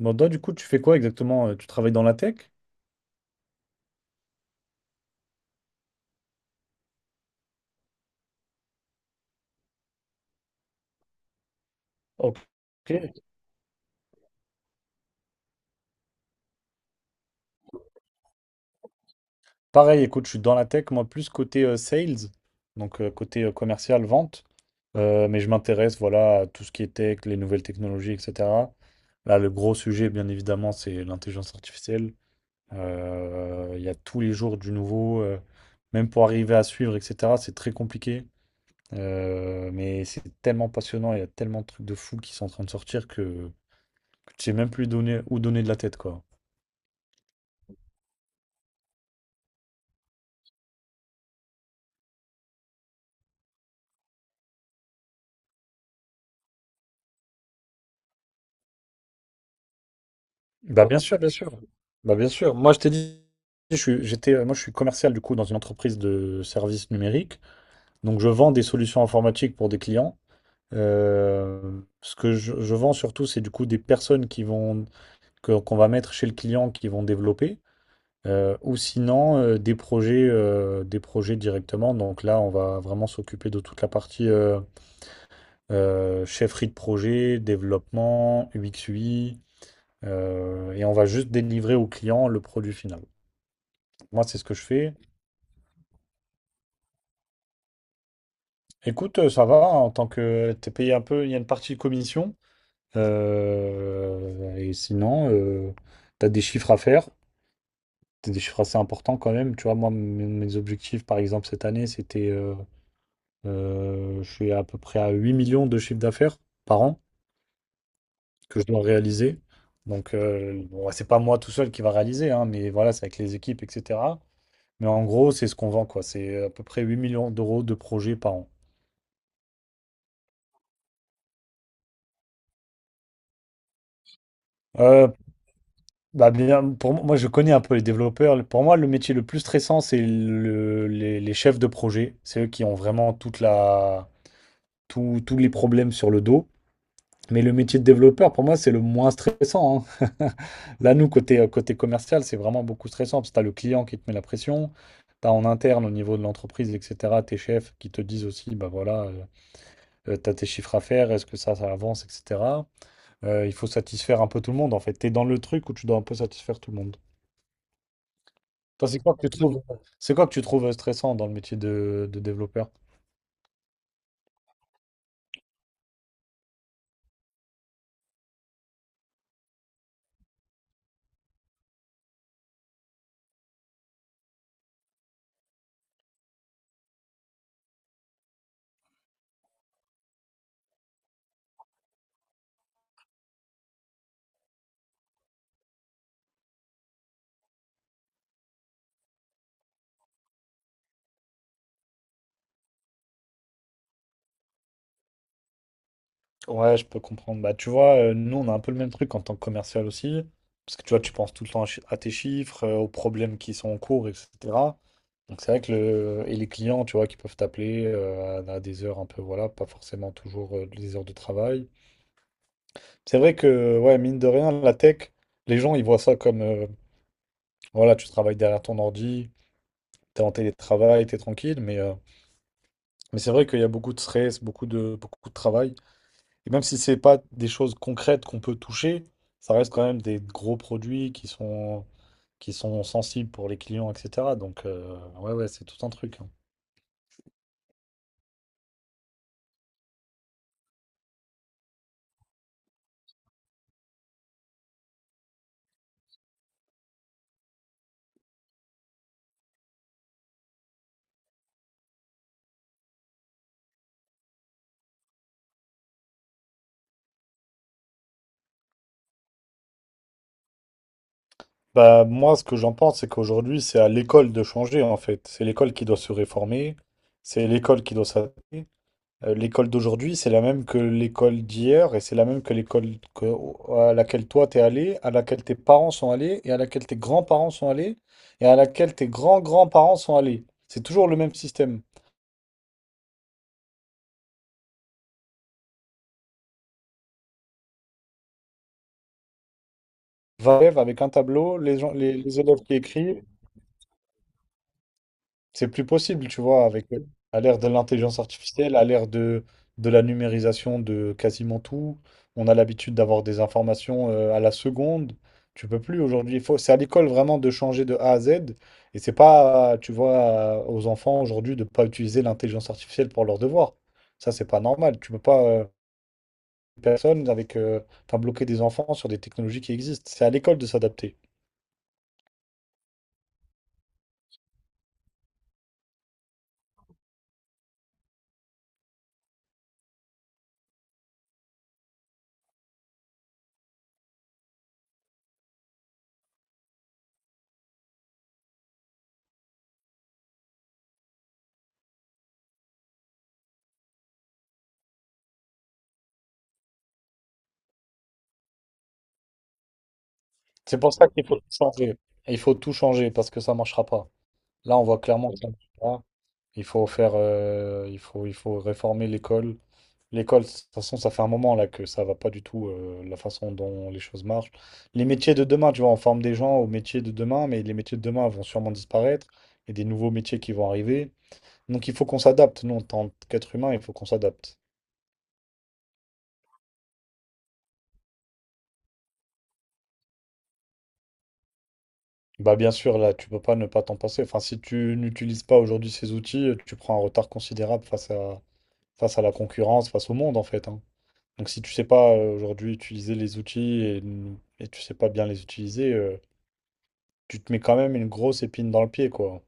Bon, du coup, tu fais quoi exactement? Tu travailles dans la tech? Ok. Pareil, écoute, je suis dans la tech, moi, plus côté sales, donc côté commercial, vente. Mais je m'intéresse, voilà, à tout ce qui est tech, les nouvelles technologies, etc. Là, le gros sujet, bien évidemment, c'est l'intelligence artificielle. Il y a tous les jours du nouveau, même pour arriver à suivre, etc. C'est très compliqué. Mais c'est tellement passionnant, il y a tellement de trucs de fou qui sont en train de sortir que tu sais même plus donner, où donner de la tête, quoi. Bah bien sûr, bien sûr. Bah bien sûr, je t'ai dit, j'étais, moi je suis commercial du coup dans une entreprise de services numériques. Donc je vends des solutions informatiques pour des clients. Ce que je vends surtout, c'est du coup des personnes qui vont, qu'on va mettre chez le client qui vont développer, ou sinon des projets directement. Donc là, on va vraiment s'occuper de toute la partie chefferie de projet, développement, UX/UI, et on va juste délivrer au client le produit final. Moi, c'est ce que je fais. Écoute, ça va, hein, en tant que t'es payé un peu, il y a une partie de commission. Et sinon, t'as des chiffres à faire. T'as des chiffres assez importants quand même. Tu vois, moi, mes objectifs, par exemple, cette année, c'était. Je suis à peu près à 8 millions de chiffre d'affaires par an que je dois réaliser. Donc, bon, ouais, c'est pas moi tout seul qui va réaliser, hein, mais voilà, c'est avec les équipes, etc. Mais en gros, c'est ce qu'on vend, quoi. C'est à peu près 8 millions d'euros de projets par an. Euh, Bah bien, pour moi, moi, je connais un peu les développeurs. Pour moi, le métier le plus stressant, c'est les chefs de projet. C'est eux qui ont vraiment toute la, tous les problèmes sur le dos. Mais le métier de développeur, pour moi, c'est le moins stressant, hein. Là, nous, côté commercial, c'est vraiment beaucoup stressant parce que tu as le client qui te met la pression. Tu as en interne, au niveau de l'entreprise, etc., tes chefs qui te disent aussi, bah voilà, tu as tes chiffres à faire, est-ce que ça avance, etc. Il faut satisfaire un peu tout le monde, en fait. Tu es dans le truc où tu dois un peu satisfaire tout le monde. Toi, c'est quoi que tu trouves, c'est quoi que tu trouves stressant dans le métier de développeur? Ouais, je peux comprendre. Bah, tu vois, nous, on a un peu le même truc en tant que commercial aussi. Parce que tu vois, tu penses tout le temps à, à tes chiffres, aux problèmes qui sont en cours, etc. Donc, c'est vrai que le, et les clients, tu vois, qui peuvent t'appeler à des heures un peu, voilà, pas forcément toujours les heures de travail. C'est vrai que, ouais, mine de rien, la tech, les gens, ils voient ça comme, voilà, tu travailles derrière ton ordi, t'es en télétravail, t'es tranquille, mais. Mais c'est vrai qu'il y a beaucoup de stress, beaucoup de travail. Et même si c'est pas des choses concrètes qu'on peut toucher, ça reste quand même des gros produits qui sont sensibles pour les clients, etc. Donc, ouais, ouais, c'est tout un truc, hein. Bah, moi, ce que j'en pense, c'est qu'aujourd'hui, c'est à l'école de changer, en fait. C'est l'école qui doit se réformer, c'est l'école qui doit s'adapter. L'école d'aujourd'hui, c'est la même que l'école d'hier et c'est la même que l'école à laquelle toi t'es allé, à laquelle tes parents sont allés et à laquelle tes grands-parents sont allés et à laquelle tes grands-grands-parents sont allés. C'est toujours le même système. Va élève avec un tableau, les gens, les élèves qui écrivent, c'est plus possible, tu vois, avec à l'ère de l'intelligence artificielle, à l'ère de la numérisation de quasiment tout. On a l'habitude d'avoir des informations à la seconde. Tu peux plus aujourd'hui. Il faut, c'est à l'école vraiment de changer de A à Z. Et c'est pas, tu vois, aux enfants aujourd'hui de pas utiliser l'intelligence artificielle pour leurs devoirs. Ça, c'est pas normal. Tu peux pas personne avec, enfin, bloquer des enfants sur des technologies qui existent. C'est à l'école de s'adapter. C'est pour ça qu'il faut tout changer. Il faut tout changer parce que ça marchera pas. Là, on voit clairement que ça ne marche pas. Il faut faire, il faut réformer l'école. L'école, de toute façon, ça fait un moment là que ça va pas du tout, la façon dont les choses marchent. Les métiers de demain, tu vois, on forme des gens aux métiers de demain, mais les métiers de demain vont sûrement disparaître et des nouveaux métiers qui vont arriver. Donc, il faut qu'on s'adapte. Nous, en tant qu'être humain, il faut qu'on s'adapte. Bah, bien sûr, là, tu peux pas ne pas t'en passer. Enfin, si tu n'utilises pas aujourd'hui ces outils, tu prends un retard considérable face à la concurrence, face au monde, en fait, hein. Donc si tu sais pas aujourd'hui utiliser les outils et tu sais pas bien les utiliser, tu te mets quand même une grosse épine dans le pied, quoi.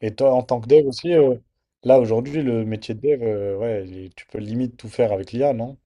Et toi, en tant que dev aussi, là aujourd'hui, le métier de dev, ouais, tu peux limite tout faire avec l'IA, non?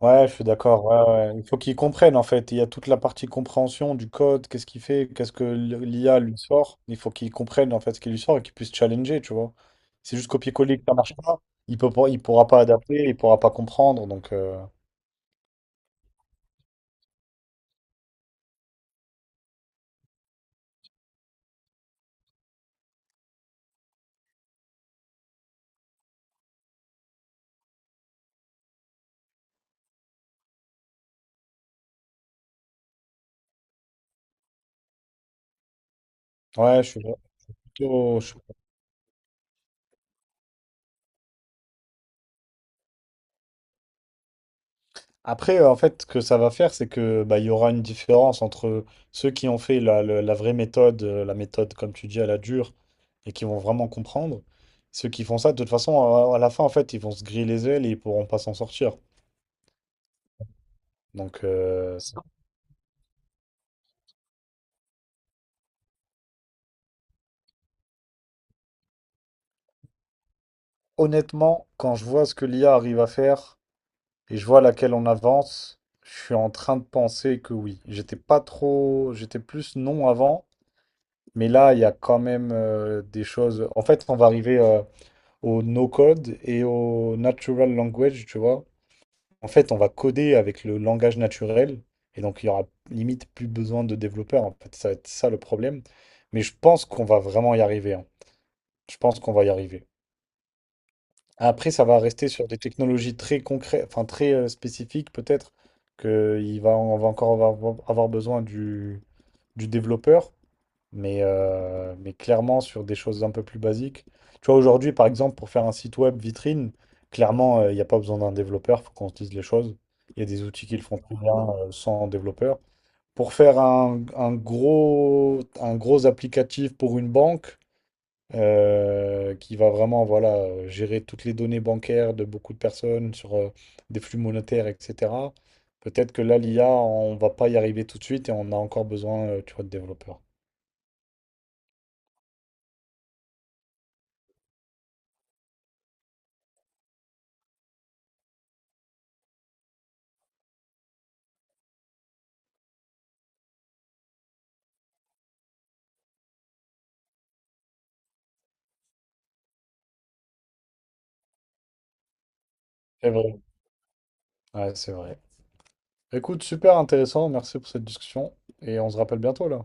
Ouais, je suis d'accord, ouais, ouais. Il faut qu'ils comprennent en fait. Il y a toute la partie compréhension du code, qu'est-ce qu'il fait, qu'est-ce que l'IA lui sort. Il faut qu'ils comprennent en fait ce qu'il lui sort et qu'ils puissent challenger, tu vois. C'est juste copier-coller que ça marche pas. Il peut pas, il pourra pas adapter, il pourra pas comprendre. Donc, Ouais, je suis plutôt. Je Après, en fait, ce que ça va faire, c'est que bah, il y aura une différence entre ceux qui ont fait la vraie méthode, la méthode, comme tu dis, à la dure, et qui vont vraiment comprendre. Ceux qui font ça, de toute façon, à la fin, en fait, ils vont se griller les ailes et ils pourront pas s'en sortir. Donc, honnêtement, quand je vois ce que l'IA arrive à faire, et je vois laquelle on avance, je suis en train de penser que oui. J'étais pas trop, j'étais plus non avant, mais là, il y a quand même des choses. En fait, on va arriver au no-code et au natural language, tu vois. En fait, on va coder avec le langage naturel, et donc il y aura limite plus besoin de développeurs. En fait, ça va être ça le problème. Mais je pense qu'on va vraiment y arriver, hein. Je pense qu'on va y arriver. Après, ça va rester sur des technologies très concrètes, enfin très spécifiques, peut-être que il va, on va encore avoir besoin du développeur, mais clairement sur des choses un peu plus basiques. Tu vois, aujourd'hui, par exemple, pour faire un site web vitrine, clairement, il n'y a pas besoin d'un développeur, faut qu'on se dise les choses. Il y a des outils qui le font très bien sans développeur. Pour faire un gros applicatif pour une banque, qui va vraiment voilà, gérer toutes les données bancaires de beaucoup de personnes sur des flux monétaires, etc. Peut-être que là, l'IA, on va pas y arriver tout de suite et on a encore besoin, tu vois, de développeurs. C'est vrai. Ouais, c'est vrai. Écoute, super intéressant. Merci pour cette discussion et on se rappelle bientôt là.